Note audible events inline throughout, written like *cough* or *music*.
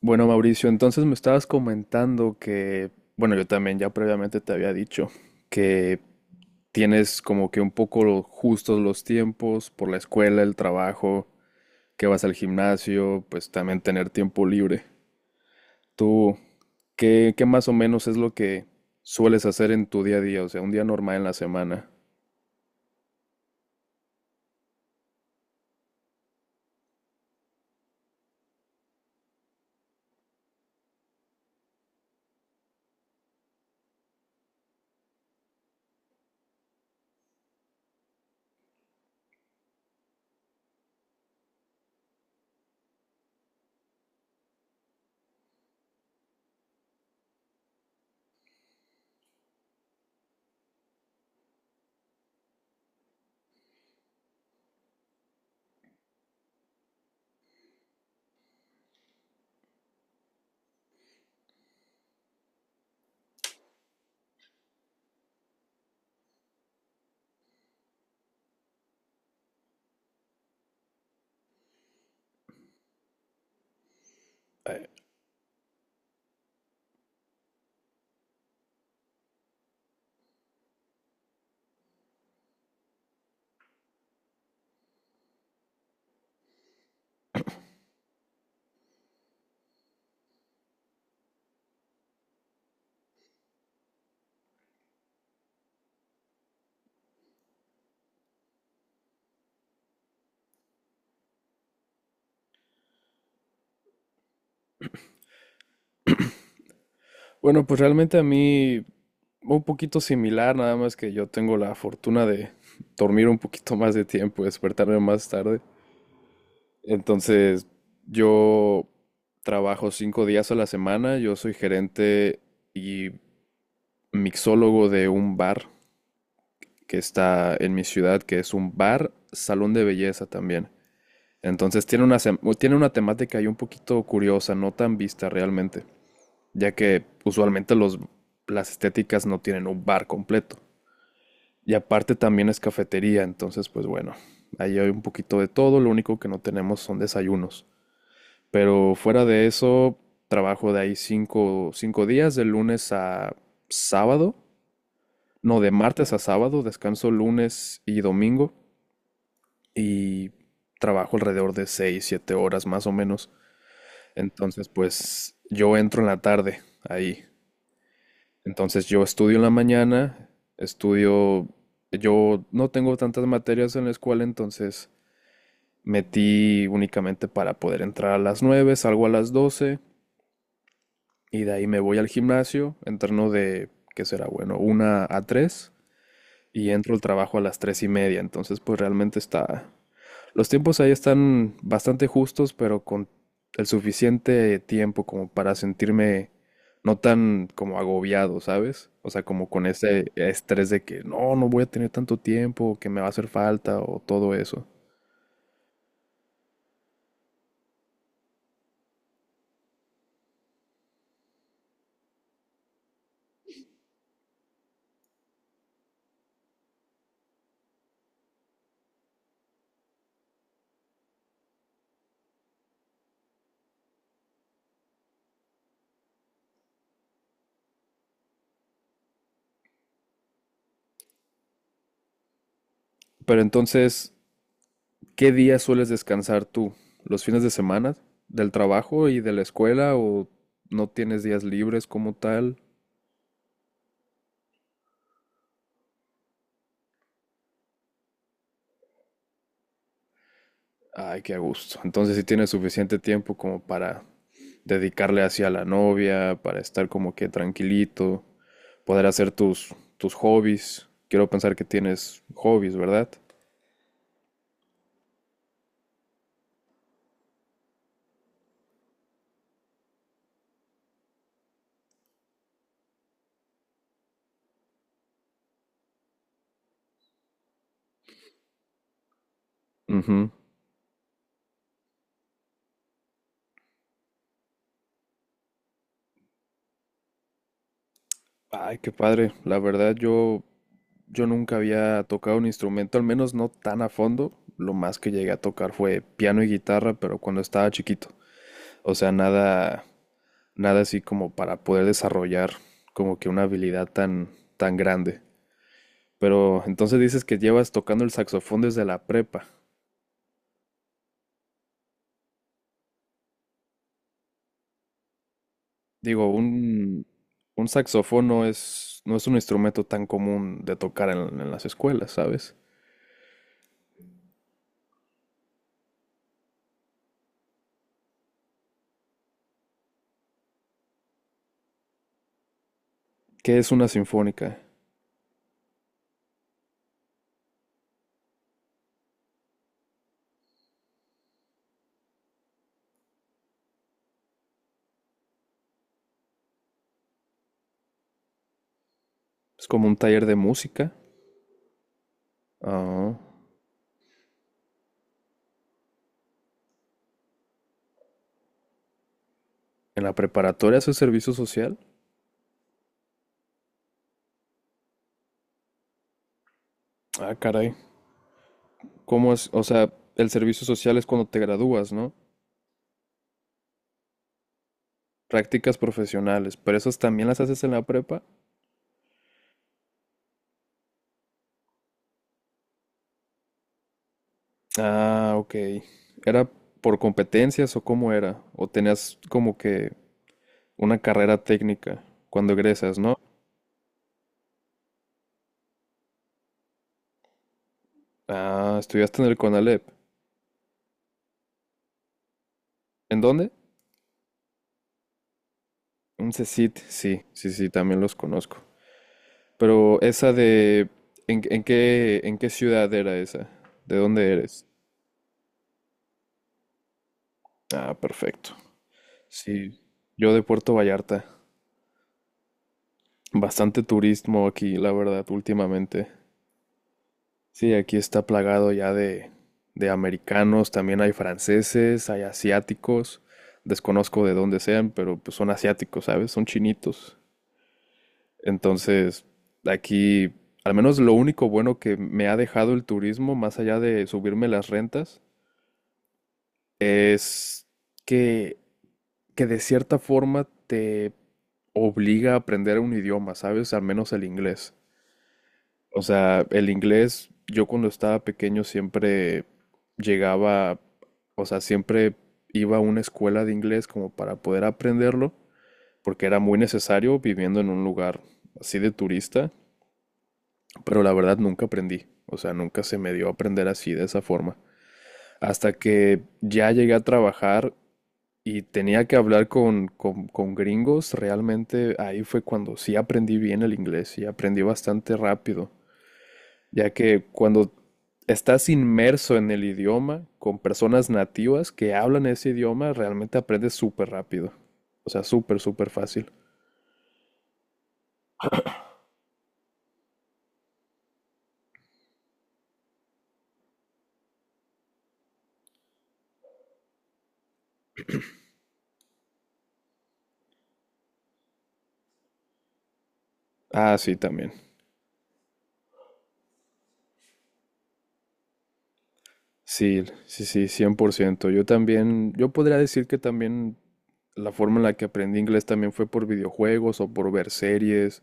Bueno, Mauricio, entonces me estabas comentando que, bueno, yo también ya previamente te había dicho que tienes como que un poco justos los tiempos por la escuela, el trabajo, que vas al gimnasio, pues también tener tiempo libre. ¿Tú qué más o menos es lo que sueles hacer en tu día a día? O sea, un día normal en la semana. *clears throat* Eh, Bueno, pues realmente a mí un poquito similar, nada más que yo tengo la fortuna de *laughs* dormir un poquito más de tiempo, despertarme más tarde. Entonces, yo trabajo 5 días a la semana, yo soy gerente y mixólogo de un bar que está en mi ciudad, que es un bar, salón de belleza también. Entonces tiene tiene una temática ahí un poquito curiosa, no tan vista realmente, ya que usualmente las estéticas no tienen un bar completo. Y aparte también es cafetería, entonces pues bueno, ahí hay un poquito de todo, lo único que no tenemos son desayunos. Pero fuera de eso, trabajo de ahí cinco días, de lunes a sábado. No, de martes a sábado, descanso lunes y domingo. Y trabajo alrededor de seis, siete horas más o menos. Entonces, pues yo entro en la tarde ahí. Entonces yo estudio en la mañana, estudio, yo no tengo tantas materias en la escuela, entonces metí únicamente para poder entrar a las 9, salgo a las 12. Y de ahí me voy al gimnasio, entreno de, ¿qué será? Bueno, 1 a 3, y entro al trabajo a las 3 y media. Entonces, pues realmente está. Los tiempos ahí están bastante justos, pero con el suficiente tiempo como para sentirme no tan como agobiado, ¿sabes? O sea, como con ese estrés de que no, no voy a tener tanto tiempo, que me va a hacer falta o todo eso. Pero entonces, ¿qué días sueles descansar tú? ¿Los fines de semana? ¿Del trabajo y de la escuela? ¿O no tienes días libres como tal? Ay, qué a gusto. Entonces sí tienes suficiente tiempo como para dedicarle hacia la novia, para estar como que tranquilito, poder hacer tus hobbies. Quiero pensar que tienes hobbies, ¿verdad? Ujú. Ay, qué padre. La verdad, yo nunca había tocado un instrumento, al menos no tan a fondo. Lo más que llegué a tocar fue piano y guitarra, pero cuando estaba chiquito. O sea, nada, nada así como para poder desarrollar como que una habilidad tan, tan grande. Pero entonces dices que llevas tocando el saxofón desde la prepa. Digo, un saxofón no es, no es un instrumento tan común de tocar en las escuelas, ¿sabes? ¿Qué es una sinfónica? Es como un taller de música. Ah. ¿En la preparatoria haces servicio social? Ah, caray. ¿Cómo es? O sea, el servicio social es cuando te gradúas, ¿no? Prácticas profesionales, pero esas también las haces en la prepa. Ah, ok. ¿Era por competencias o cómo era? ¿O tenías como que una carrera técnica cuando egresas, ¿no? Ah, estudiaste en el CONALEP. ¿En dónde? Un CECIT, sí, sí, sí, también los conozco. Pero esa de, ¿en, en qué ciudad era esa? ¿De dónde eres? Ah, perfecto. Sí, yo de Puerto Vallarta. Bastante turismo aquí, la verdad, últimamente. Sí, aquí está plagado ya de americanos, también hay franceses, hay asiáticos. Desconozco de dónde sean, pero pues son asiáticos, ¿sabes? Son chinitos. Entonces, aquí, al menos lo único bueno que me ha dejado el turismo, más allá de subirme las rentas, es que, que de cierta forma te obliga a aprender un idioma, ¿sabes? Al menos el inglés. O sea, el inglés, yo cuando estaba pequeño siempre llegaba, o sea, siempre iba a una escuela de inglés como para poder aprenderlo, porque era muy necesario viviendo en un lugar así de turista, pero la verdad nunca aprendí, o sea, nunca se me dio a aprender así de esa forma. Hasta que ya llegué a trabajar y tenía que hablar con gringos, realmente ahí fue cuando sí aprendí bien el inglés y aprendí bastante rápido. Ya que cuando estás inmerso en el idioma con personas nativas que hablan ese idioma, realmente aprendes súper rápido. O sea, súper, súper fácil. Ah, sí, también. Sí, sí, sí, 100%. Yo también, yo podría decir que también la forma en la que aprendí inglés también fue por videojuegos o por ver series,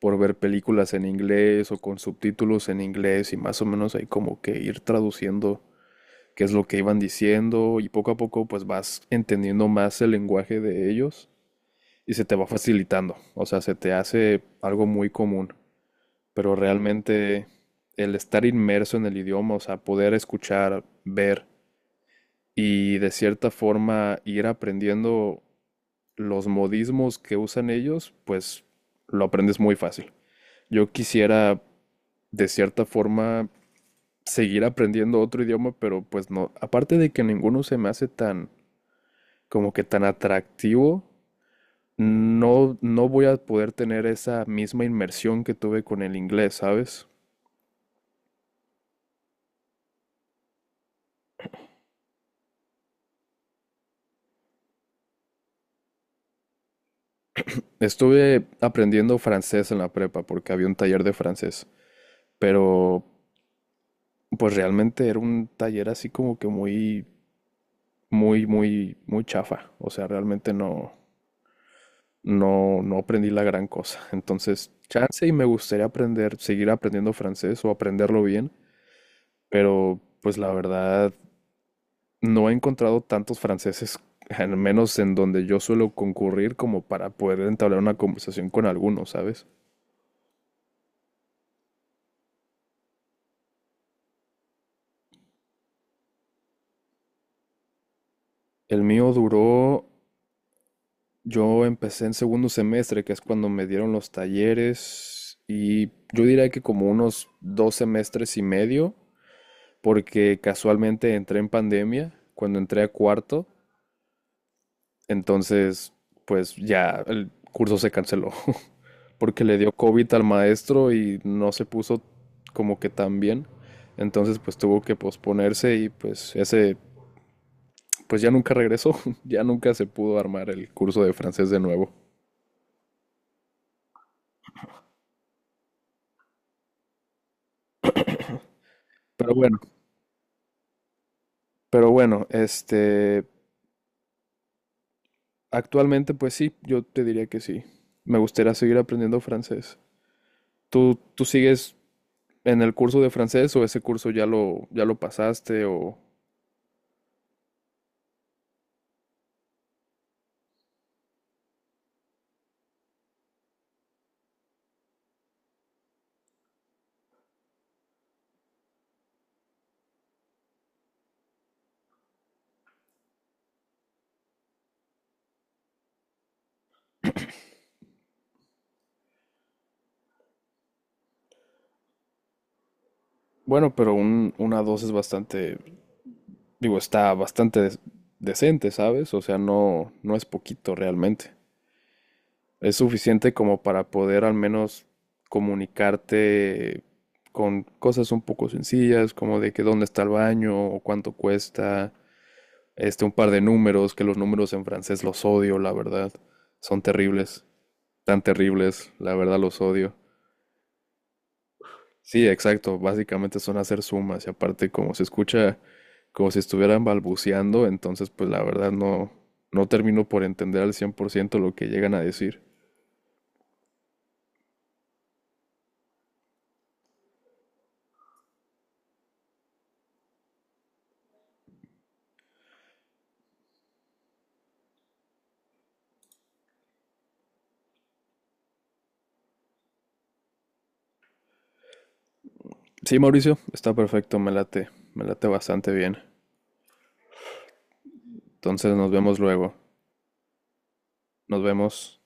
por ver películas en inglés o con subtítulos en inglés y más o menos ahí como que ir traduciendo qué es lo que iban diciendo y poco a poco pues vas entendiendo más el lenguaje de ellos y se te va facilitando, o sea, se te hace algo muy común, pero realmente el estar inmerso en el idioma, o sea, poder escuchar, ver y de cierta forma ir aprendiendo los modismos que usan ellos, pues lo aprendes muy fácil. Yo quisiera de cierta forma seguir aprendiendo otro idioma, pero pues no, aparte de que ninguno se me hace tan como que tan atractivo, no, no voy a poder tener esa misma inmersión que tuve con el inglés, ¿sabes? Estuve aprendiendo francés en la prepa porque había un taller de francés, pero pues realmente era un taller así como que muy, muy, muy, muy chafa. O sea, realmente no, no, no aprendí la gran cosa. Entonces, chance y me gustaría aprender, seguir aprendiendo francés o aprenderlo bien, pero pues la verdad no he encontrado tantos franceses, al menos en donde yo suelo concurrir, como para poder entablar una conversación con alguno, ¿sabes? El mío duró, yo empecé en segundo semestre, que es cuando me dieron los talleres, y yo diría que como unos 2 semestres y medio, porque casualmente entré en pandemia, cuando entré a cuarto, entonces pues ya el curso se canceló, porque le dio COVID al maestro y no se puso como que tan bien. Entonces pues tuvo que posponerse y pues ese pues ya nunca regresó, *laughs* ya nunca se pudo armar el curso de francés de nuevo. Pero bueno, pero bueno, actualmente pues sí, yo te diría que sí. Me gustaría seguir aprendiendo francés. ¿Tú sigues en el curso de francés, o ese curso ya lo pasaste, o bueno? Pero una dos es bastante. Digo, está bastante decente, ¿sabes? O sea, no, no es poquito realmente. Es suficiente como para poder al menos comunicarte con cosas un poco sencillas, como de que dónde está el baño o cuánto cuesta, este, un par de números, que los números en francés los odio, la verdad. Son terribles, tan terribles, la verdad los odio. Sí, exacto. Básicamente son hacer sumas y aparte como se escucha como si estuvieran balbuceando, entonces pues la verdad no, no termino por entender al 100% lo que llegan a decir. Sí, Mauricio, está perfecto, me late bastante bien. Entonces nos vemos luego. Nos vemos.